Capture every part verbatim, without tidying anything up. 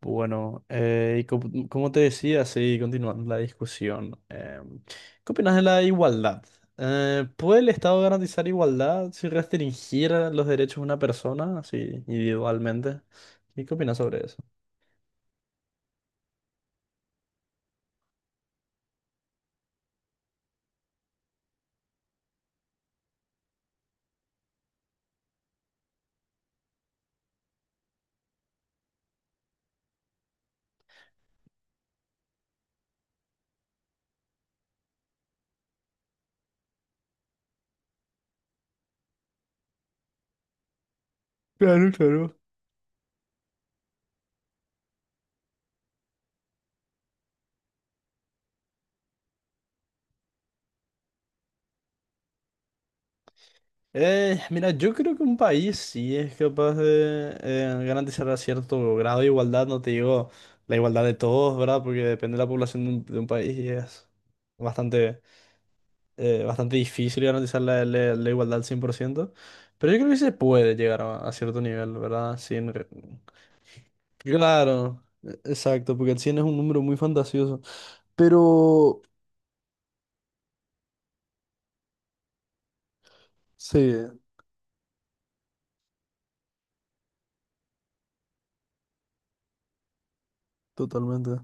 Bueno, eh, y co- como, te decía, sí, continuando la discusión, eh, ¿qué opinas de la igualdad? Eh, ¿puede el Estado garantizar igualdad si restringiera los derechos de una persona, así individualmente? ¿Y qué opinas sobre eso? Claro, claro. Eh, mira, yo creo que un país sí es capaz de eh, garantizar a cierto grado de igualdad, no te digo la igualdad de todos, ¿verdad? Porque depende de la población de un, de un país y es bastante eh, bastante difícil garantizar la, la- la igualdad al cien por ciento, pero yo creo que sí se puede llegar a, a cierto nivel, ¿verdad? Sin re- Claro, e- exacto, porque el cien es un número muy fantasioso, pero sí, totalmente.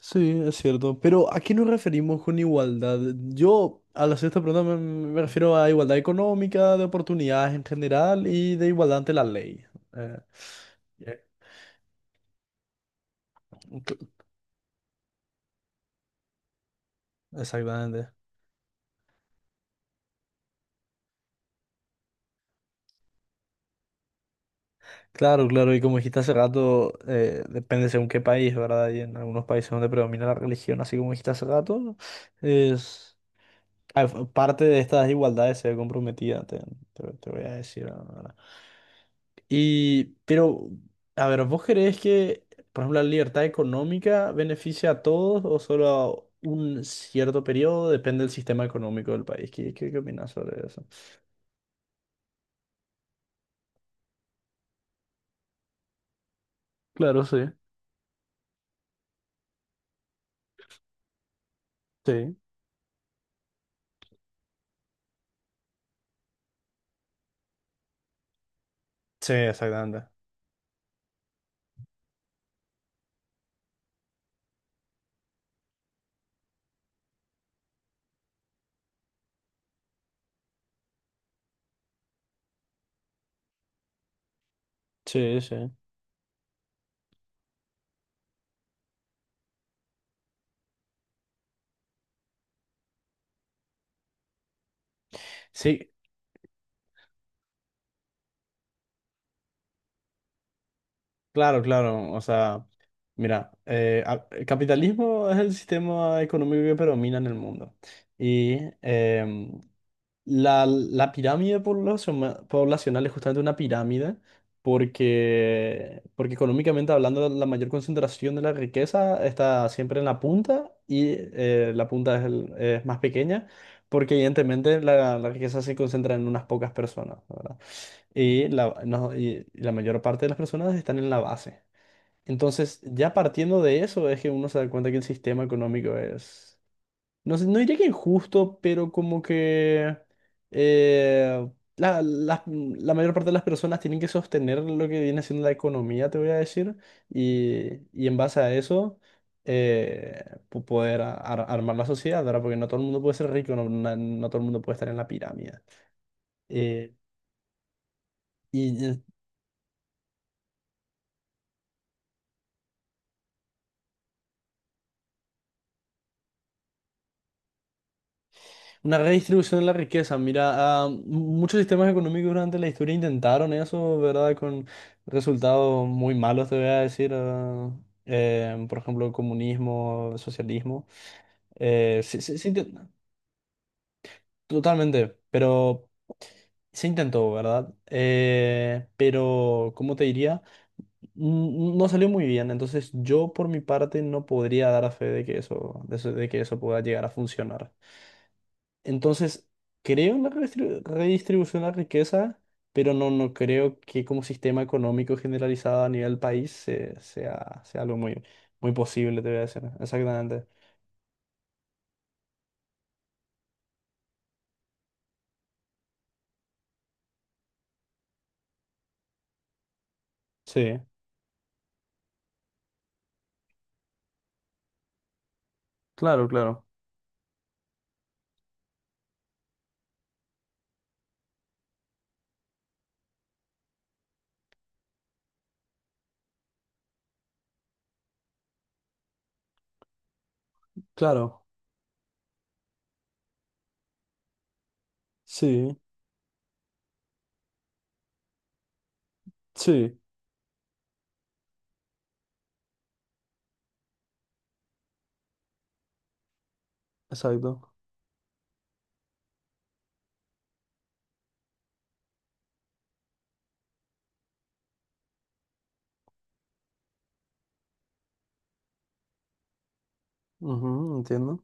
Sí, es cierto, pero ¿a qué nos referimos con igualdad? Yo a la sexta pregunta me, me refiero a igualdad económica, de oportunidades en general y de igualdad ante la ley. Eh, eh, cl- exactamente. Claro, claro, y como dijiste hace rato, eh, depende según qué país, ¿verdad? Y en algunos países donde predomina la religión, así como dijiste hace rato, es ah, f- parte de estas desigualdades se ve comprometida, te, te- te voy a decir ahora. Y, pero, a ver, ¿vos creés que, por ejemplo, la libertad económica beneficia a todos o solo a un cierto periodo? Depende del sistema económico del país. ¿Qué, qué, qué opinás sobre eso? Claro, sí, sí. Sí, exactamente. Sí, sí. Sí, claro, claro. O sea, mira, eh, a- el capitalismo es el sistema económico que predomina en el mundo. Y em, la, la pirámide poblaciona- poblacional es justamente una pirámide porque, porque económicamente hablando la mayor concentración de la riqueza está siempre en la punta y eh, la punta es, el- es más pequeña porque evidentemente la, la riqueza se concentra en unas pocas personas, ¿verdad? Y la, no- y la mayor parte de las personas están en la base. Entonces, ya partiendo de eso, es que uno se da cuenta que el sistema económico es, no sé, no diría que injusto, pero como que eh, la, la- la mayor parte de las personas tienen que sostener lo que viene siendo la economía, te voy a decir, y, y en base a eso... eh, po- poder a- ar- armar la sociedad, ¿verdad? Porque no todo el mundo puede ser rico, no, na- no todo el mundo puede estar en la pirámide. Eh, y Una redistribución de la riqueza. Mira, ah, m- muchos sistemas económicos durante la historia intentaron eso, ¿verdad? Con resultados muy malos, te voy a decir. Ah, eh, por ejemplo, comunismo, socialismo. Eh, se- se- se intent- totalmente, pero se intentó, ¿verdad? Eh, pero, ¿cómo te diría? N- No salió muy bien. Entonces, yo por mi parte no podría dar fe de que eso, de eso- de que eso pueda llegar a funcionar. Entonces, creo en la redistribu- redistribución de la riqueza, pero no, no creo que como sistema económico generalizado a nivel país se- sea, sea algo muy, muy posible, te voy a decir. Exactamente. Sí, claro, claro. Claro, sí, sí, exacto. Ujú, entiendo.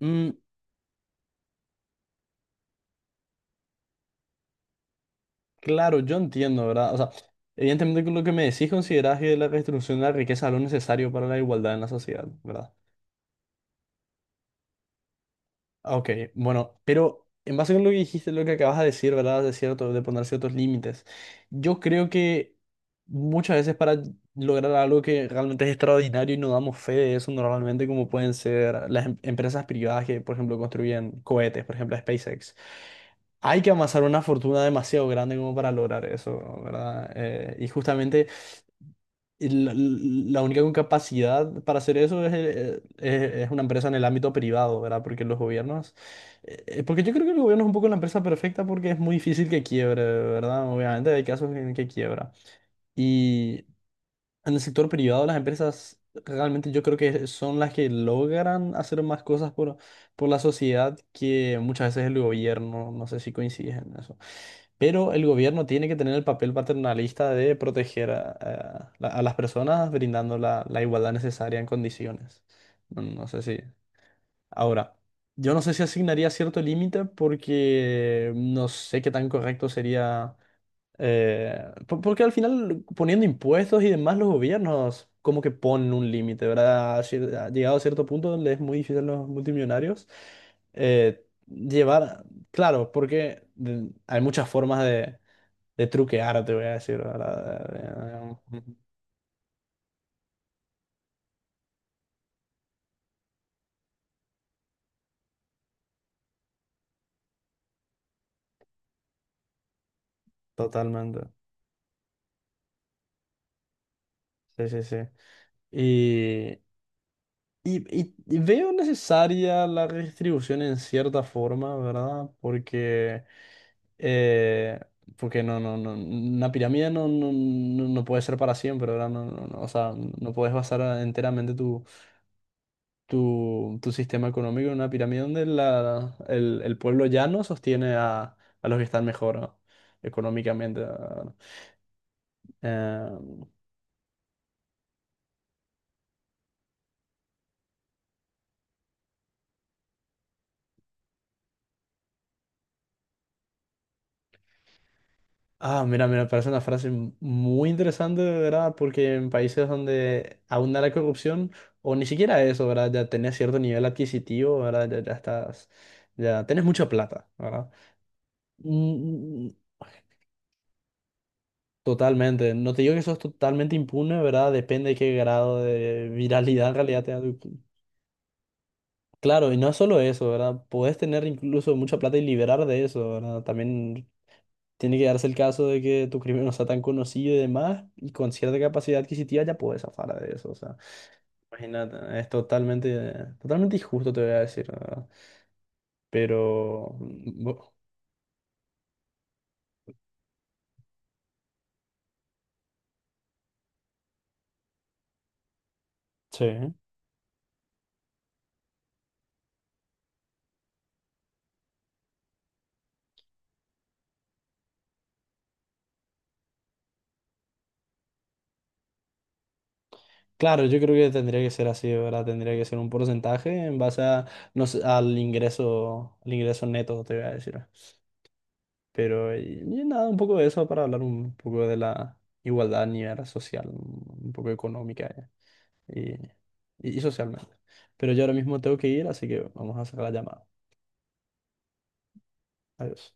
Mm, claro, yo entiendo, ¿verdad? O sea, evidentemente con lo que me decís considerás que la redistribución de la riqueza es lo necesario para la igualdad en la sociedad, ¿verdad? Ah, ok, bueno, pero en base con lo que dijiste, lo que acabas de decir, ¿verdad? De cierto, de poner ciertos límites. Yo creo que muchas veces para lograr algo que realmente es extraordinario y no damos fe de eso normalmente, como pueden ser las em- empresas privadas que, por ejemplo, construyen cohetes, por ejemplo, SpaceX. Hay que amasar una fortuna demasiado grande como para lograr eso, ¿verdad? Eh, y justamente y La, la única con capacidad para hacer eso es, eh, es- es una empresa en el ámbito privado, ¿verdad? Porque los gobiernos, eh, eh, porque yo creo que el gobierno es un poco la empresa perfecta porque es muy difícil que quiebre, ¿verdad? Obviamente hay casos en que quiebra. En el sector privado, las empresas realmente yo creo que son las que logran hacer más cosas por, por la sociedad que muchas veces el gobierno. No sé si coincides en eso. Pero el gobierno tiene que tener el papel paternalista de proteger a, a la- a las personas brindando la, la igualdad necesaria en condiciones. No, no sé si. Ahora, yo no sé si asignaría cierto límite porque no sé qué tan correcto sería eh, po- porque al final poniendo impuestos y demás los gobiernos como que ponen un límite, ¿verdad? Cier- ha llegado a cierto punto donde es muy difícil a los multimillonarios eh, llevar, claro, porque de- hay muchas formas de, de truquear, te voy a decir, ¿verdad? Eh, Totalmente. Sí, sí, sí. Y, y- y veo necesaria la redistribución en cierta forma, ¿verdad? Porque, eh, porque no, no, no, una pirámide no, no, no no puede ser para siempre, ¿verdad? No, no, no, o sea, no puedes basar enteramente tu, tu, tu sistema económico en una pirámide donde la, el, el pueblo llano sostiene a, a los que están mejor, ¿no? Económicamente, ¿verdad? Eh, Ah, mira, mira, parece una frase muy interesante, de verdad, porque en países donde abunda la corrupción, o ni siquiera eso, ¿verdad? Ya tenés cierto nivel adquisitivo, ¿verdad? Ya, ya estás, ya tenés mucha plata, ¿verdad? Mm, Totalmente. No te digo que eso es totalmente impune, ¿verdad? Depende de qué grado de viralidad en realidad tenga tu- Claro, y no es solo eso, ¿verdad? Podés tener incluso mucha plata y liberar de eso, ¿verdad? También tiene que darse el caso de que tu crimen no sea tan conocido y demás, y con cierta capacidad adquisitiva ya puedes zafar de eso. O sea, imagínate, es totalmente, totalmente injusto, te voy a decir, la ¿verdad? Pero, mm, bu- sí. Claro, yo creo que tendría que ser así, ¿verdad? Tendría que ser un porcentaje en base a, no sé, al ingreso, al ingreso neto, te voy a decir. Pero, y, y nada, un poco de eso para hablar un poco de la igualdad a nivel social, un poco económica. y, y y socialmente. Pero yo ahora mismo tengo que ir, así que vamos a sacar la llamada. Adiós.